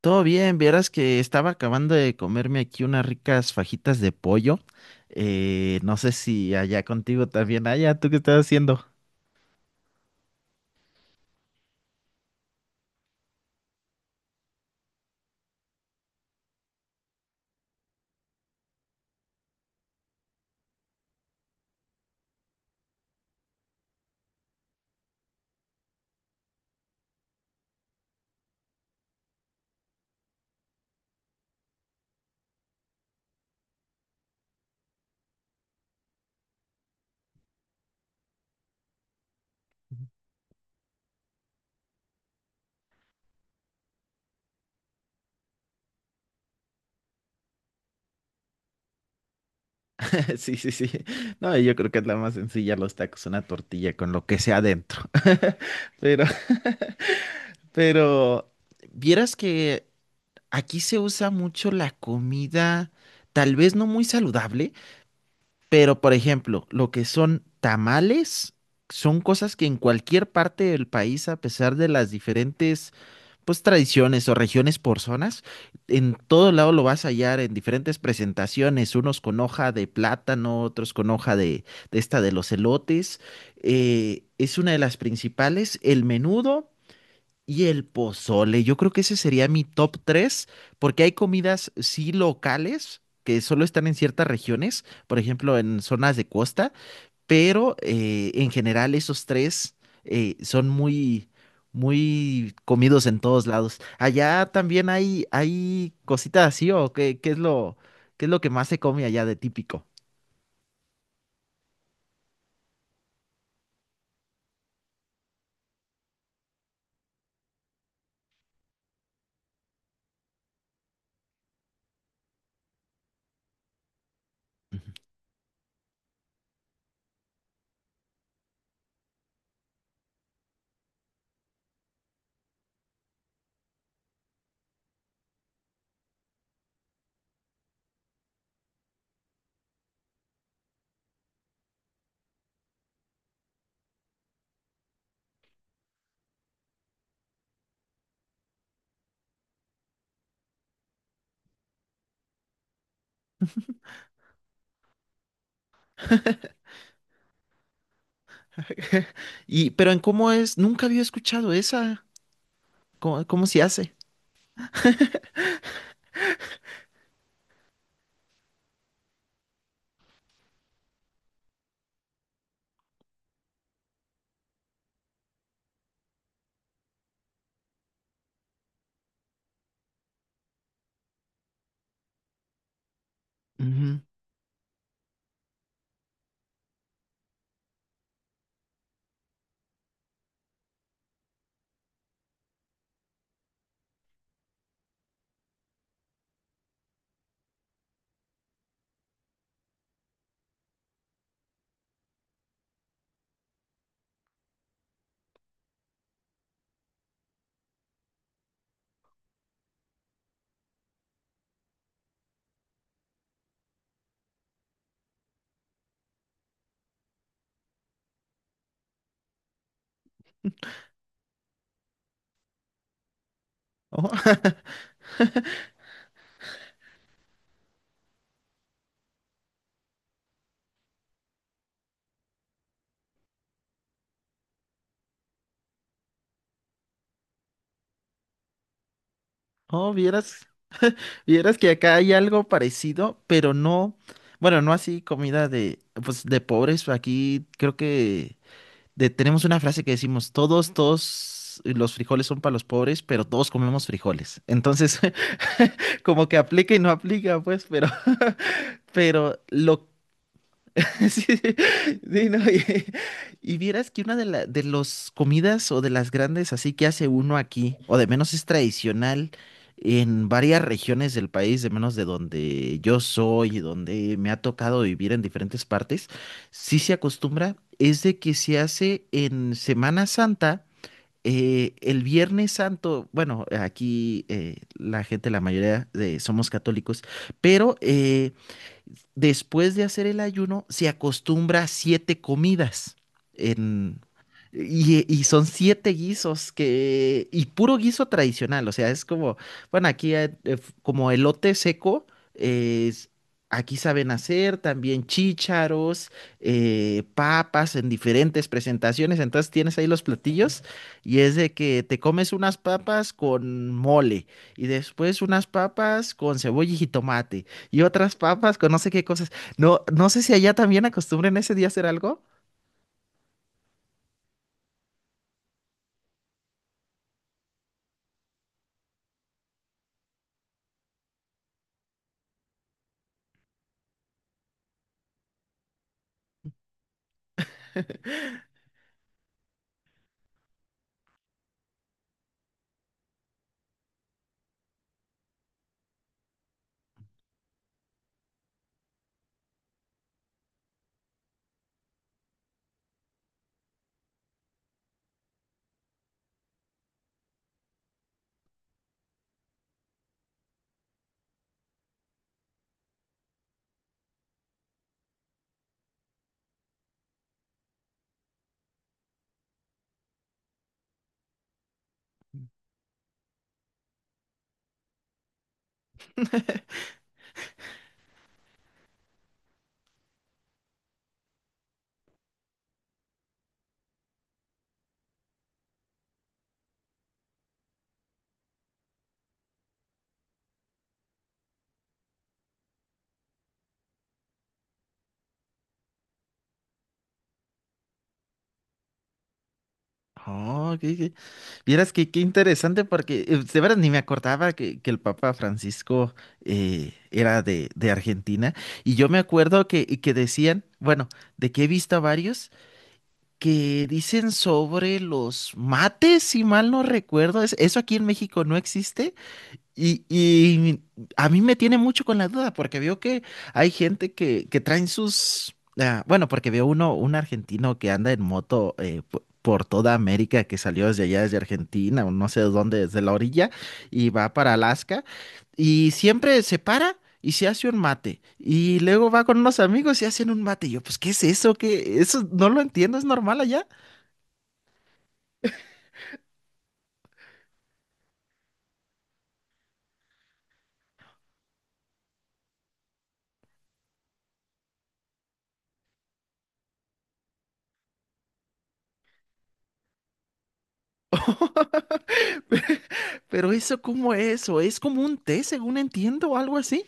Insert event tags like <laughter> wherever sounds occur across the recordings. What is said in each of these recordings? Todo bien, vieras que estaba acabando de comerme aquí unas ricas fajitas de pollo. No sé si allá contigo también. Allá, ¿tú qué estás haciendo? <laughs> Sí, sí, sí. No, yo creo que es la más sencilla, los tacos, una tortilla con lo que sea adentro. <laughs> Pero, pero, vieras que aquí se usa mucho la comida, tal vez no muy saludable, pero por ejemplo, lo que son tamales. Son cosas que en cualquier parte del país, a pesar de las diferentes pues tradiciones o regiones por zonas. En todo lado lo vas a hallar en diferentes presentaciones, unos con hoja de plátano, otros con hoja de esta de los elotes. Es una de las principales, el menudo y el pozole. Yo creo que ese sería mi top 3 porque hay comidas sí locales que solo están en ciertas regiones, por ejemplo, en zonas de costa pero en general esos tres son muy comidos en todos lados. Allá también hay cositas así, o qué es qué es lo que más se come allá de típico. Pero en cómo es, nunca había escuchado esa. Cómo se hace? Ujú. Oh, <laughs> oh, vieras, Vieras que acá hay algo parecido, pero no, bueno, no así comida de, pues, de pobres. Aquí creo que tenemos una frase que decimos, todos los frijoles son para los pobres, pero todos comemos frijoles. Entonces, <laughs> como que aplica y no aplica, pues, pero, <laughs> pero lo... <laughs> Sí, sí, no, y vieras que una de los comidas o de las grandes así que hace uno aquí, o de menos es tradicional en varias regiones del país, de menos de donde yo soy y donde me ha tocado vivir en diferentes partes, sí se acostumbra, es de que se hace en Semana Santa el Viernes Santo, bueno, aquí la gente, la mayoría de, somos católicos, pero después de hacer el ayuno, se acostumbra a siete comidas en, son siete guisos que, y puro guiso tradicional, o sea, es como, bueno, aquí como elote seco, eh, es- aquí saben hacer también chícharos, papas en diferentes presentaciones, entonces tienes ahí los platillos y es de que te comes unas papas con mole y después unas papas con cebolla y jitomate y otras papas con no sé qué cosas. No, no sé si allá también acostumbren ese día a hacer algo. <laughs> Oh, qué, qué- Vieras que qué interesante porque de verdad ni me acordaba que el Papa Francisco era de Argentina. Y yo me acuerdo que decían, bueno, de que he visto a varios que dicen sobre los mates, si mal no recuerdo. ¿Eso aquí en México no existe? Y a mí me tiene mucho con la duda, porque veo que hay gente que traen sus... ah, bueno, porque veo un argentino que anda en moto por toda América, que salió desde allá, desde Argentina, o no sé de dónde, desde la orilla, y va para Alaska, y siempre se para y se hace un mate, y luego va con unos amigos y hacen un mate. Y yo, pues, ¿qué es eso? ¿Qué? Eso no lo entiendo, es normal allá, <laughs> pero eso, ¿cómo es? ¿O es como un té, según entiendo, o algo así?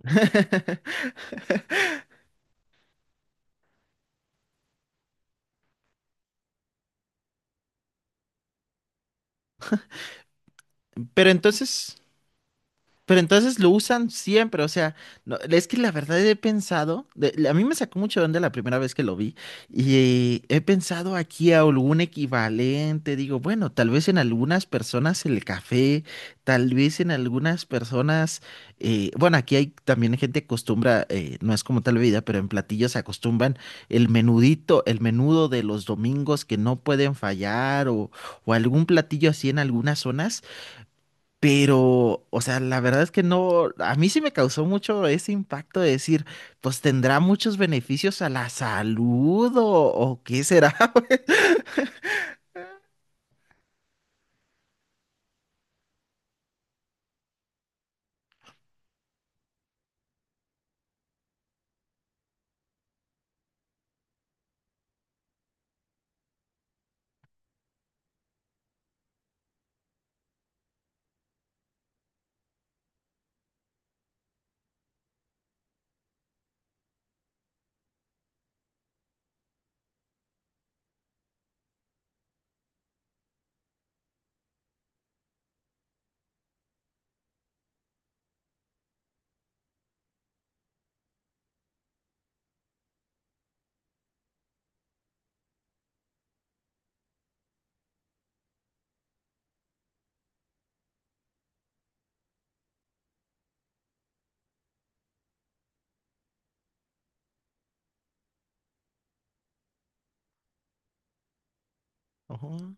<laughs> Pero entonces, Pero entonces lo usan siempre, o sea, no, es que la verdad he pensado, a mí me sacó mucho de onda la primera vez que lo vi y he pensado aquí a algún equivalente, digo, bueno, tal vez en algunas personas el café, tal vez en algunas personas, bueno, aquí hay también gente que acostumbra, no es como tal bebida, pero en platillos se acostumbran el menudito, el menudo de los domingos que no pueden fallar o algún platillo así en algunas zonas pero, o sea, la verdad es que no, a mí sí me causó mucho ese impacto de decir, pues tendrá muchos beneficios a la salud o qué será. <laughs> Ujú.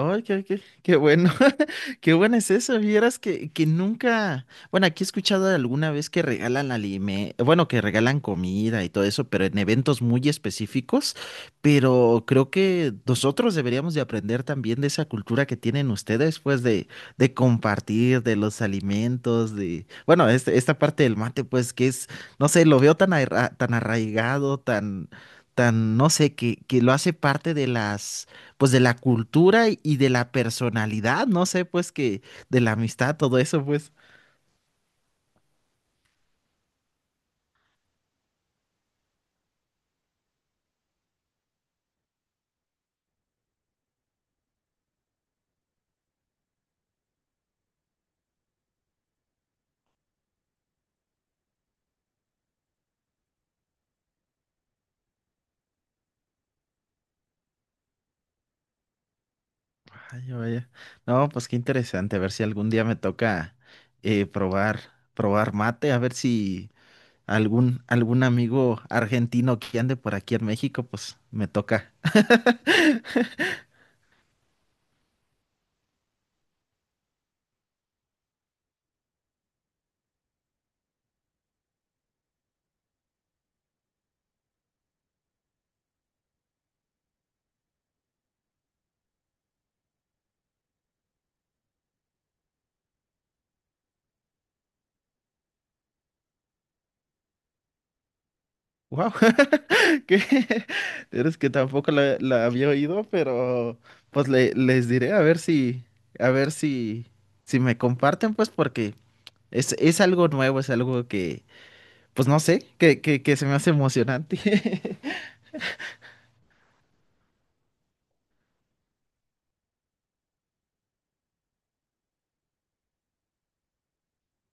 Ay, qué bueno, <laughs> qué bueno es eso vieras que nunca, bueno, aquí he escuchado de alguna vez que regalan alime, bueno, que regalan comida y todo eso, pero en eventos muy específicos, pero creo que nosotros deberíamos de aprender también de esa cultura que tienen ustedes, pues, de compartir, de los alimentos, de, bueno, esta parte del mate, pues, que es, no sé, lo veo tan, tan arraigado, no sé, que lo hace parte de las pues de la cultura y de la personalidad, no sé, pues que de la amistad, todo eso, pues. Ay, vaya. No, pues qué interesante, a ver si algún día me toca eh, probar, probar mate, a ver si algún amigo argentino que ande por aquí en México, pues me toca. Wow, <laughs> que es que tampoco la había oído, pero pues les diré a ver si, si me comparten, pues porque es algo nuevo, es algo que, pues no sé, que se me hace emocionante. <laughs>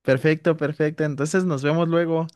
Perfecto, perfecto. Entonces nos vemos luego.